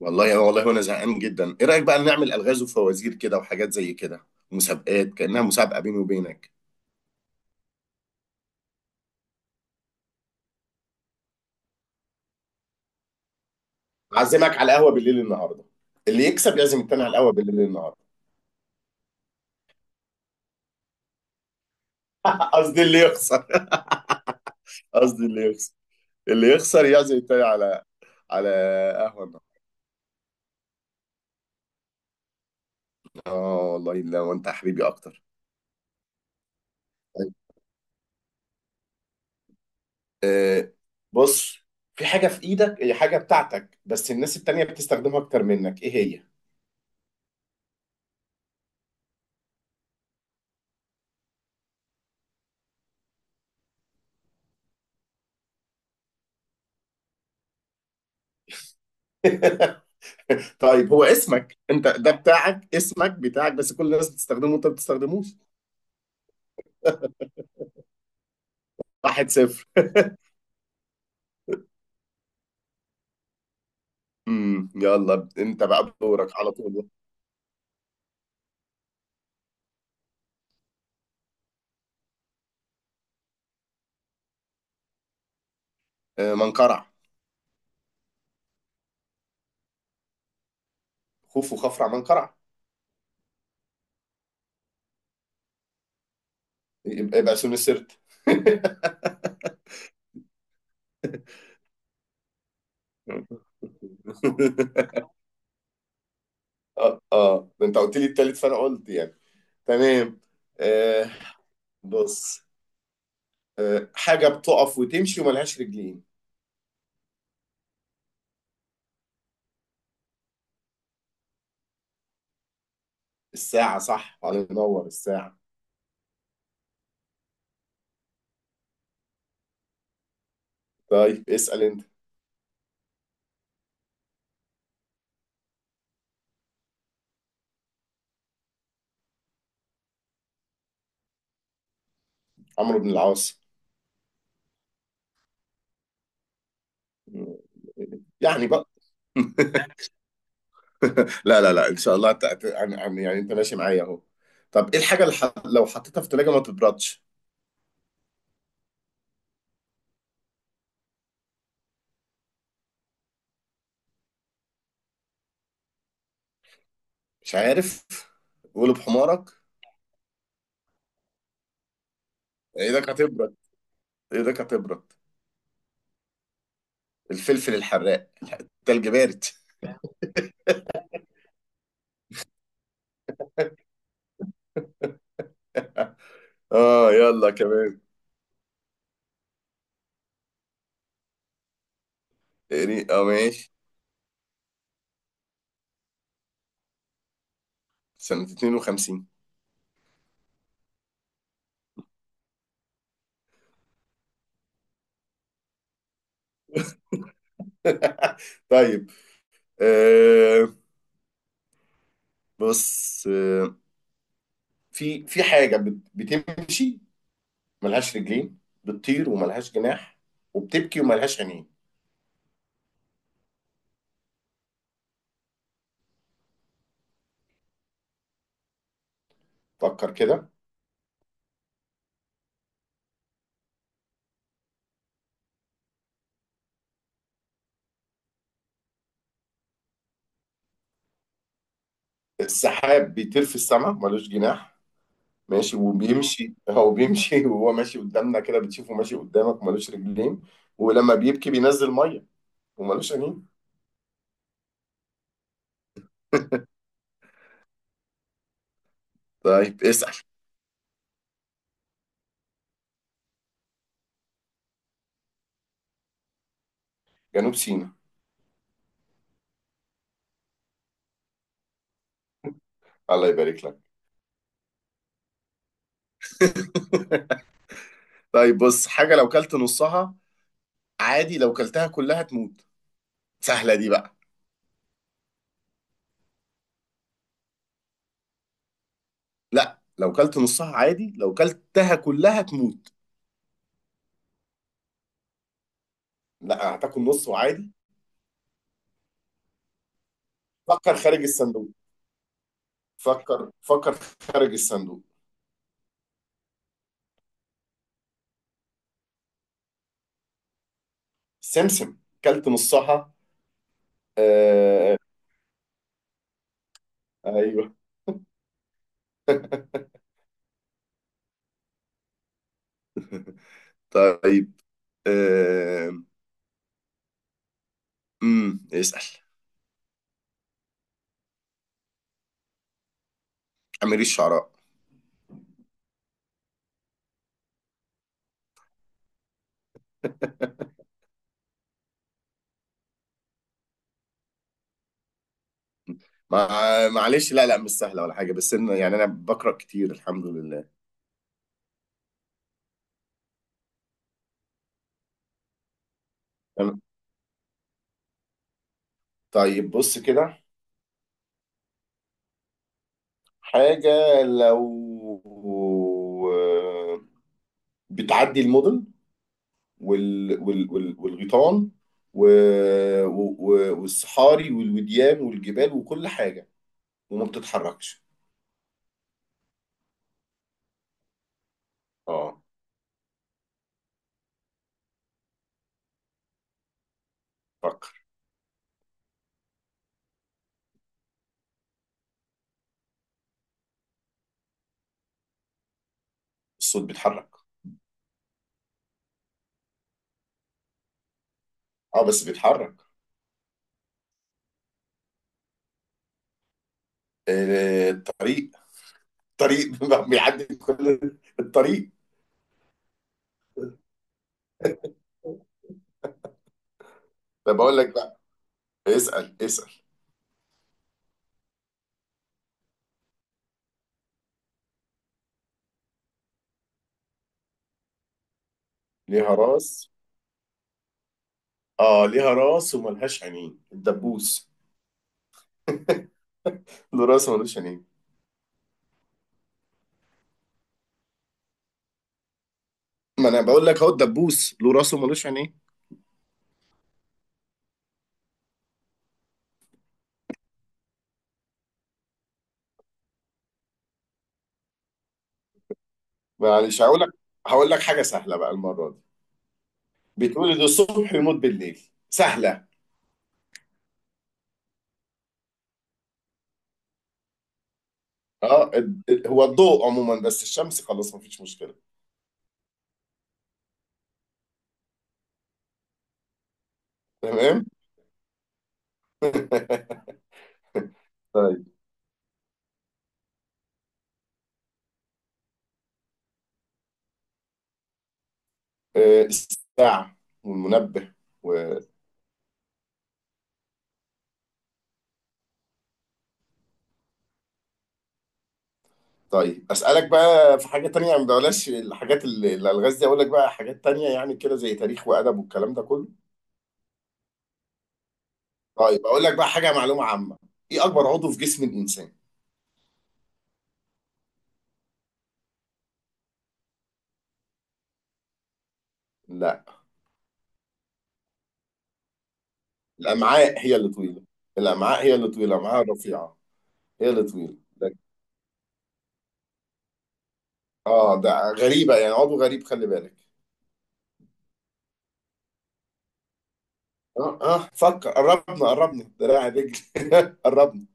والله والله وانا زهقان جدا، ايه رايك بقى نعمل الغاز وفوازير كده وحاجات زي كده، مسابقات كانها مسابقه بيني وبينك. اعزمك على القهوه بالليل النهارده. اللي يكسب يعزم التاني على القهوه بالليل النهارده. قصدي اللي يخسر. قصدي اللي يخسر، اللي يخسر يعزم التاني على على قهوه النهارده. اه والله، لا وانت حبيبي اكتر. طيب. آه بص، في حاجه في ايدك، هي حاجه بتاعتك بس الناس التانيه بتستخدمها اكتر منك، ايه هي؟ طيب، هو اسمك انت ده بتاعك، اسمك بتاعك بس كل الناس بتستخدمه وانت ما بتستخدموش. واحد صفر. يلا انت بقى دورك على طول. آه، منقرع. خوف وخفرع منقرع. يبقى سون السرت. اه اه، ده انت قلت لي التالت فانا قلت يعني. تمام. آه بص، حاجه بتقف وتمشي وملهاش رجلين. الساعه، صح، الله ينور، الساعه. طيب اسال انت. عمرو بن العاص. يعني بقى. لا لا لا، ان شاء الله يعني انت ماشي معايا اهو. طب ايه الحاجه اللي لو حطيتها في التلاجة ما تبردش؟ مش عارف. قول بحمارك. ايدك هتبرد، ايدك هتبرد. الفلفل الحراق. تلج بارد. اه يلا كمان. يعني اه ماشي. سنة 52. طيب. آه بص، في حاجة بتمشي، ملهاش رجلين، بتطير وملهاش جناح، وبتبكي وملهاش عينين. فكر كده. السحاب بيطير في السماء ملوش جناح. ماشي وبيمشي، هو بيمشي وهو ماشي قدامنا كده، بتشوفه ماشي قدامك ملوش رجلين، ولما بيبكي بينزل ميه، وملوش عينين. طيب اسأل. جنوب سيناء. الله يبارك لك. طيب بص، حاجة لو كلت نصها عادي، لو كلتها كلها تموت. سهلة دي بقى. لا، لو كلت نصها عادي، لو كلتها كلها تموت. لا هتاكل نص وعادي. فكر خارج الصندوق. فكر فكر خارج الصندوق. سمسم، كلت نصها. آه. ايوه. طيب. آه اسأل. أمير الشعراء. مع، معلش. لا لا مش سهلة ولا حاجة، بس إن يعني أنا بقرأ كتير، الحمد لله. تمام. طيب بص كده، حاجة لو آه، بتعدي المدن والغيطان، و... والصحاري والوديان والجبال وكل حاجة، وما بتتحركش. اه، فكر. الصوت بيتحرك. اه بس بيتحرك. آه، الطريق. طريق بيعدي كل. الطريق. طب اقول لك بقى. اسال اسال. ليها راس. اه ليها راس وملهاش عينين، الدبوس. له راس وملوش عينين. ما انا بقول لك اهو، الدبوس له راس وملوش عينين. معلش هقول لك، حاجه سهله بقى المره دي. بيتولد الصبح ويموت بالليل، سهله. اه هو الضوء عموما، بس الشمس خلاص مفيش مشكله. تمام. طيب، آه، الساعه والمنبه. طيب اسالك بقى في حاجه تانية، ما بلاش الحاجات الالغاز دي، اقول لك بقى حاجات تانية يعني كده زي تاريخ وادب والكلام ده كله. طيب اقول لك بقى حاجه معلومه عامه، ايه اكبر عضو في جسم الانسان؟ لا. الامعاء هي اللي طويله، الامعاء هي اللي طويله، الامعاء الرفيعه هي اللي طويله ده. اه، ده غريبه يعني، عضو غريب، خلي بالك. اه اه، فكر، قربنا قربنا، دراع رجل قربنا.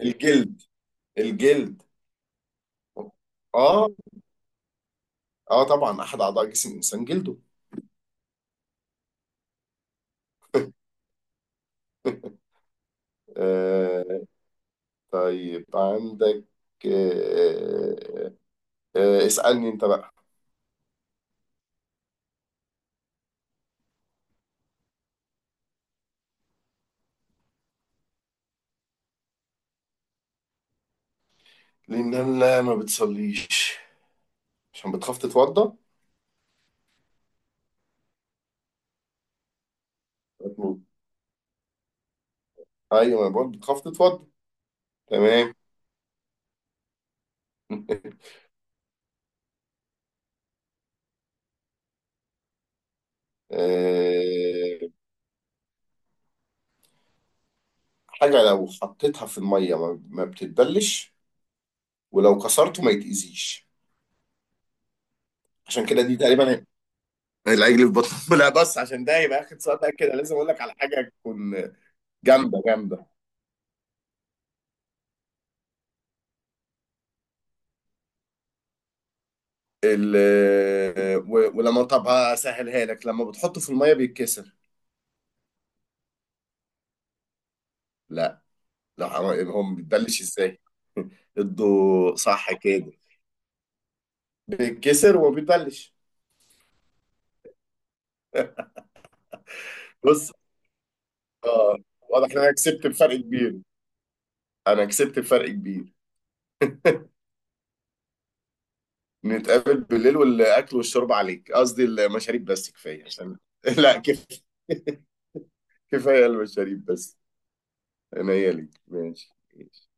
الجلد. الجلد. اه، اه طبعا احد اعضاء جسم الانسان جلده. آه، طيب عندك. آه، آه، اسألني انت بقى. لان انا لا ما بتصليش، عشان بتخاف تتوضى. بتموت. ايوه، ما بقول بتخاف تتوضى. تمام. آه، حاجة لو حطيتها في المية ما بتتبلش، ولو كسرته ما يتأذيش. عشان كده دي تقريبا. العجل في بطن لا، بس عشان ده يبقى اخر سؤال ده، كده لازم اقول لك على حاجة تكون جامدة جامدة. ال آه، ولما، طب هسهلها لك، لما بتحطه في المية بيتكسر. لا. لا هو بيتبلش ازاي؟ ادوا صح كده. بيتكسر وما بيتبلش. بص، اه واضح ان انا كسبت بفرق كبير، انا كسبت بفرق كبير. نتقابل بالليل، والاكل والشرب عليك، قصدي المشاريب بس كفايه عشان. لا كفايه، كفايه المشاريب بس. انا هي ليك. ماشي ماشي.